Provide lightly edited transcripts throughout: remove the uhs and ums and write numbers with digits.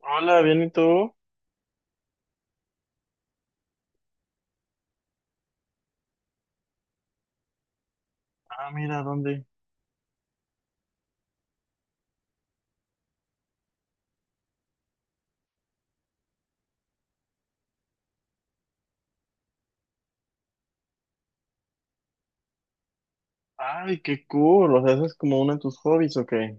Hola, bien, ¿y tú? Ah, mira, ¿dónde? Ay, qué cool. O sea, ¿eso es como uno de tus hobbies o qué?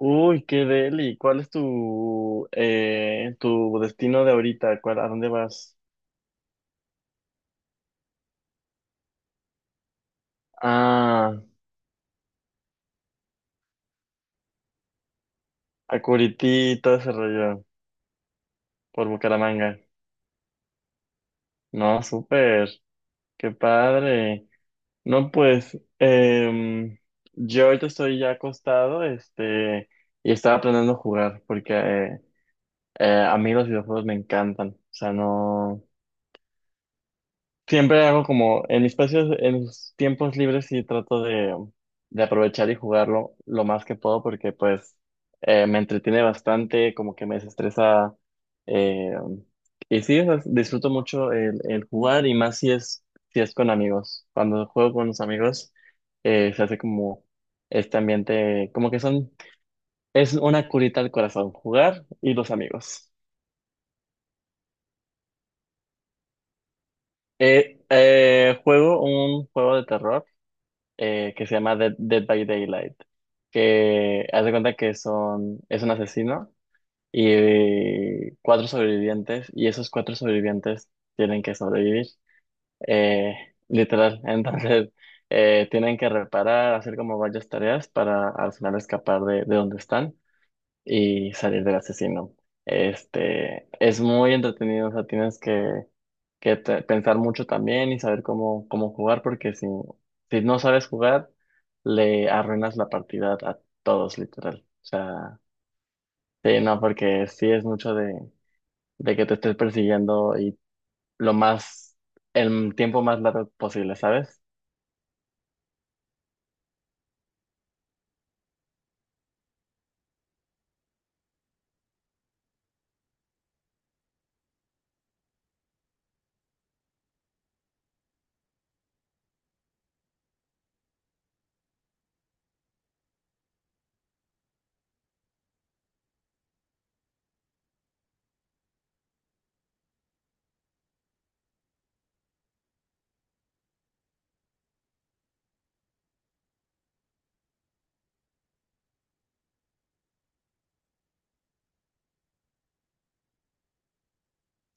Uy, qué deli. ¿Cuál es tu destino de ahorita? ¿Cuál, a dónde vas? Ah, a Curití, todo ese rollo, por Bucaramanga. No, súper. Qué padre. No, pues yo ahorita estoy ya acostado, este, y estaba aprendiendo a jugar, porque a mí los videojuegos me encantan. O sea, no. Siempre hago como en mis espacios, en mis tiempos libres sí trato de aprovechar y jugarlo lo más que puedo porque pues me entretiene bastante, como que me desestresa eh, y sí, o sea, disfruto mucho el jugar y más si es con amigos. Cuando juego con los amigos se hace como este ambiente, como que son, es una curita al corazón, jugar y los amigos. Juego un juego de terror que se llama Dead by Daylight, que haz de cuenta que son, es un asesino y cuatro sobrevivientes, y esos cuatro sobrevivientes tienen que sobrevivir, eh, literal. Entonces, tienen que reparar, hacer como varias tareas para al final escapar de donde están y salir del asesino. Este, es muy entretenido, o sea, tienes que pensar mucho también y saber cómo jugar, porque si no sabes jugar, le arruinas la partida a todos, literal. O sea, sí, no, porque sí es mucho de que te estés persiguiendo y lo más, el tiempo más largo posible, ¿sabes?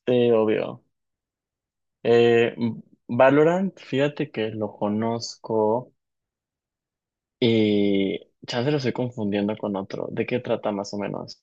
Sí, obvio. Eh, Valorant, fíjate que lo conozco. Y chance lo estoy confundiendo con otro. ¿De qué trata más o menos?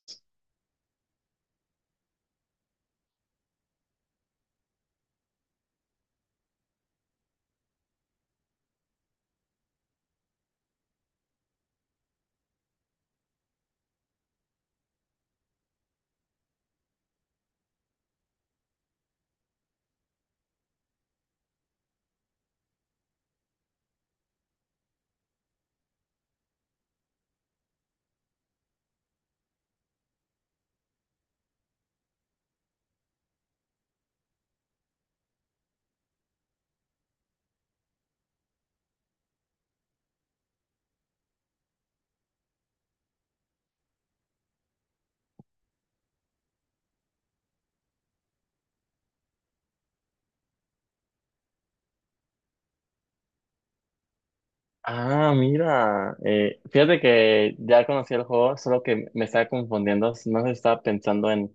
Ah, mira, fíjate que ya conocí el juego, solo que me estaba confundiendo. No se estaba pensando en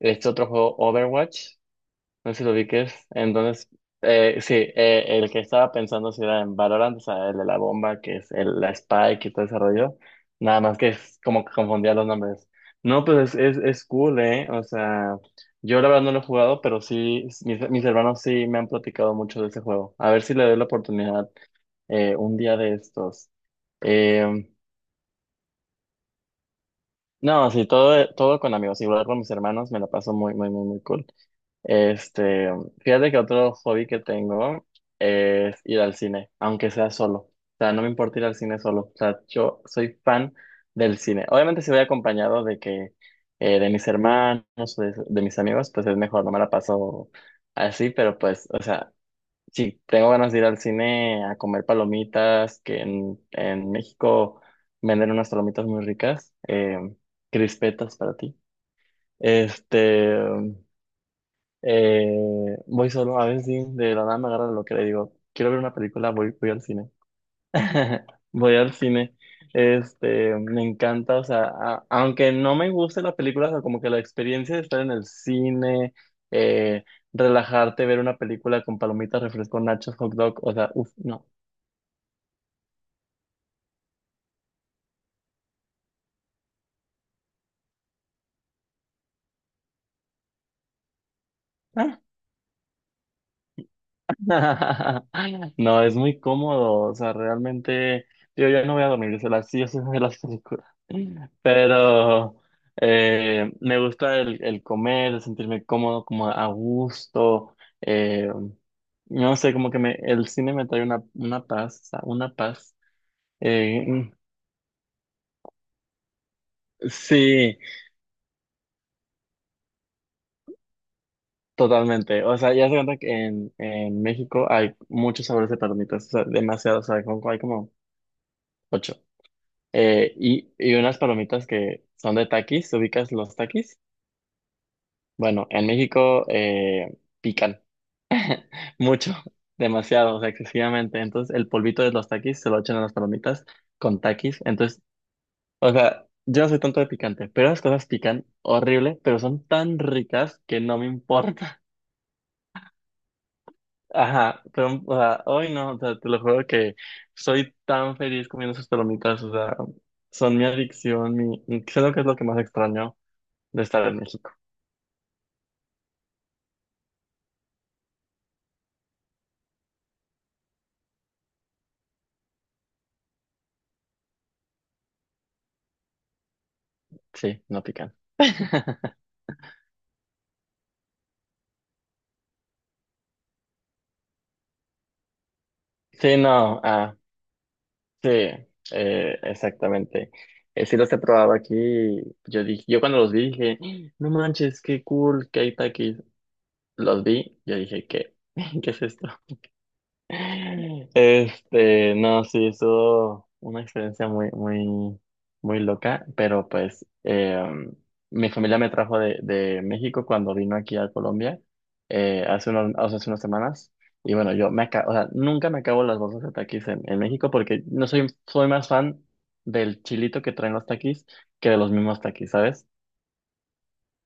este otro juego, Overwatch. No sé si lo ubiques. Entonces, sí, el que estaba pensando si era en Valorant, o sea, el de la bomba, que es el, la Spike y todo ese rollo. Nada más que es como que confundía los nombres. No, pues es cool, ¿eh? O sea, yo la verdad no lo he jugado, pero sí, mis hermanos sí me han platicado mucho de ese juego. A ver si le doy la oportunidad un día de estos. Eh, no, sí, todo, todo con amigos. Igual con mis hermanos me la paso muy, muy, muy, muy cool. Este, fíjate que otro hobby que tengo es ir al cine, aunque sea solo. O sea, no me importa ir al cine solo. O sea, yo soy fan del cine. Obviamente si voy acompañado de mis hermanos o de mis amigos, pues es mejor, no me la paso así, pero pues, o sea, si tengo ganas de ir al cine a comer palomitas, que en México venden unas palomitas muy ricas, crispetas para ti. Este, eh, voy solo a ver si de la nada me agarra lo que le digo. Quiero ver una película, voy al cine. Voy al cine. Este, me encanta, o sea, aunque no me guste la película, o sea, como que la experiencia de estar en el cine, eh, relajarte, ver una película con palomitas, refresco, nachos, hot dog, o sea, uff, no. No, es muy cómodo, o sea, realmente yo ya no voy a dormir, se las, yo sé de las películas, pero me gusta el comer, el sentirme cómodo, como a gusto, eh, no sé, como que me, el cine me trae una paz, una paz. Mm, sí, totalmente, o sea, ya se cuenta que en México hay muchos sabores de palomitas, o sea, demasiados, o sea, hay como ocho. Y unas palomitas que son de takis, ¿ubicas los takis? Bueno, en México pican mucho, demasiado, o sea, excesivamente. Entonces, el polvito de los takis se lo echan a las palomitas con takis. Entonces, o sea, yo no soy tanto de picante, pero las cosas pican horrible, pero son tan ricas que no me importa. Ajá, pero, o sea, hoy no, o sea, te lo juro que soy tan feliz comiendo esas palomitas, o sea, son mi adicción, mi, creo que es lo que más extraño de estar en México. Sí, no pican. Sí, no, ah, sí, exactamente. Sí los he probado aquí. Yo dije, yo cuando los vi dije, no manches, qué cool que hay taquis. Los vi, yo dije, ¿qué? ¿Qué es esto? Este, no, sí, estuvo una experiencia muy, muy, muy loca, pero pues mi familia me trajo de México cuando vino aquí a Colombia hace unos, o sea, hace unas semanas. Y bueno, yo me acabo, o sea, nunca me acabo las bolsas de taquis en México porque no soy, soy más fan del chilito que traen los taquis que de los mismos taquis, ¿sabes?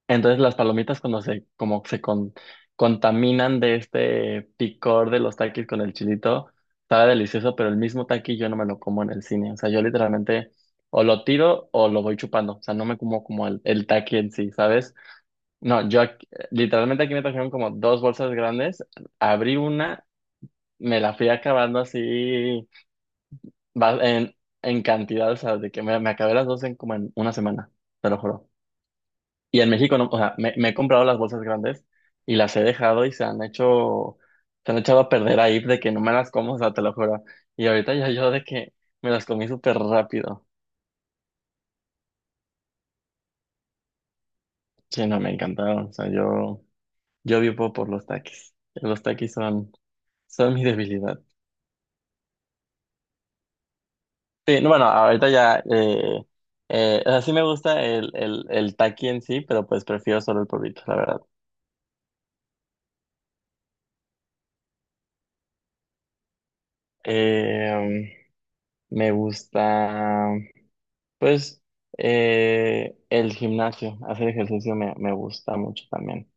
Entonces las palomitas cuando como se contaminan de este picor de los takis con el chilito, estaba delicioso, pero el mismo taqui yo no me lo como en el cine. O sea, yo literalmente o lo tiro o lo voy chupando. O sea, no me como como el taqui en sí, ¿sabes? No, yo literalmente aquí me trajeron como dos bolsas grandes, abrí una, me la fui acabando así va- en, en cantidad, o sea, de que me acabé las dos en como en una semana, te lo juro. Y en México, no, o sea, me he comprado las bolsas grandes y las he dejado y se han hecho, se han echado a perder ahí de que no me las como, o sea, te lo juro. Y ahorita ya yo de que me las comí súper rápido. Sí, no, me encantaron. O sea, yo vivo por los taquis. Los taquis son mi debilidad. Sí, no, bueno, ahorita ya, o sea, sí me gusta el taqui en sí, pero pues prefiero solo el polvito, la verdad. Eh, me gusta. Pues el gimnasio, hacer ejercicio me gusta mucho también.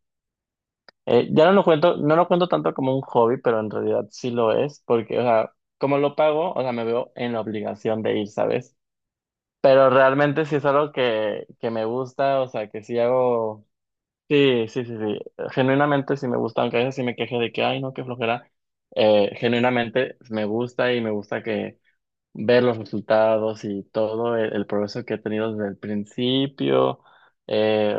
Ya no lo cuento, no lo cuento tanto como un hobby, pero en realidad sí lo es, porque, o sea, como lo pago, o sea, me veo en la obligación de ir, ¿sabes? Pero realmente sí es algo que me gusta, o sea, que sí hago, sí, sí, sí, sí, genuinamente sí me gusta, aunque a veces sí me queje de que, ay, no, qué flojera, genuinamente me gusta y me gusta que ver los resultados y todo el progreso que he tenido desde el principio. eh,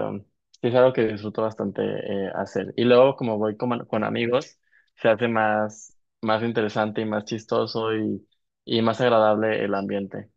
sí es algo que disfruto bastante hacer. Y luego, como voy con amigos, se hace más interesante y más chistoso y más agradable el ambiente.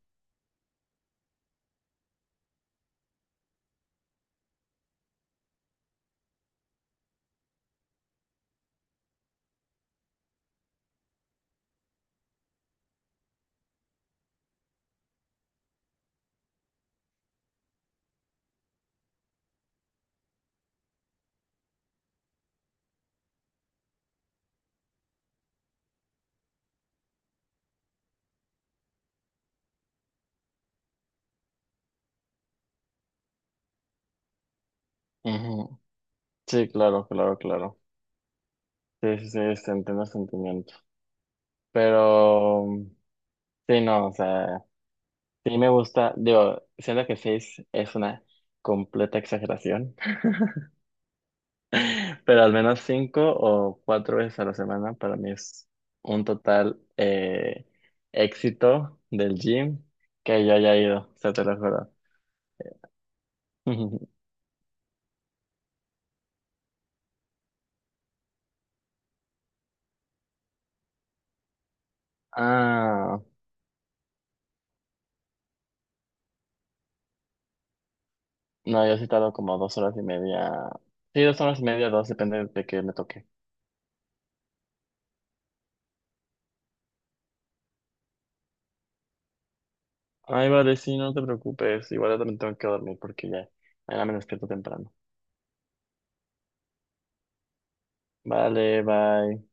Ujú. Sí, claro, claro, claro. Sí, sí, sí, se entiende el sentimiento. Pero, sí, no, o sea, sí me gusta, digo, siento que seis es una completa exageración. Pero al menos cinco o cuatro veces a la semana para mí es un total éxito del gym que yo haya ido, o sea, te lo juro. Ah, no, yo he citado como 2 horas y media. Sí, 2 horas y media, dos, depende de que me toque. Ay, vale, sí, no te preocupes. Igual yo también tengo que dormir porque ya mañana me despierto temprano. Vale, bye.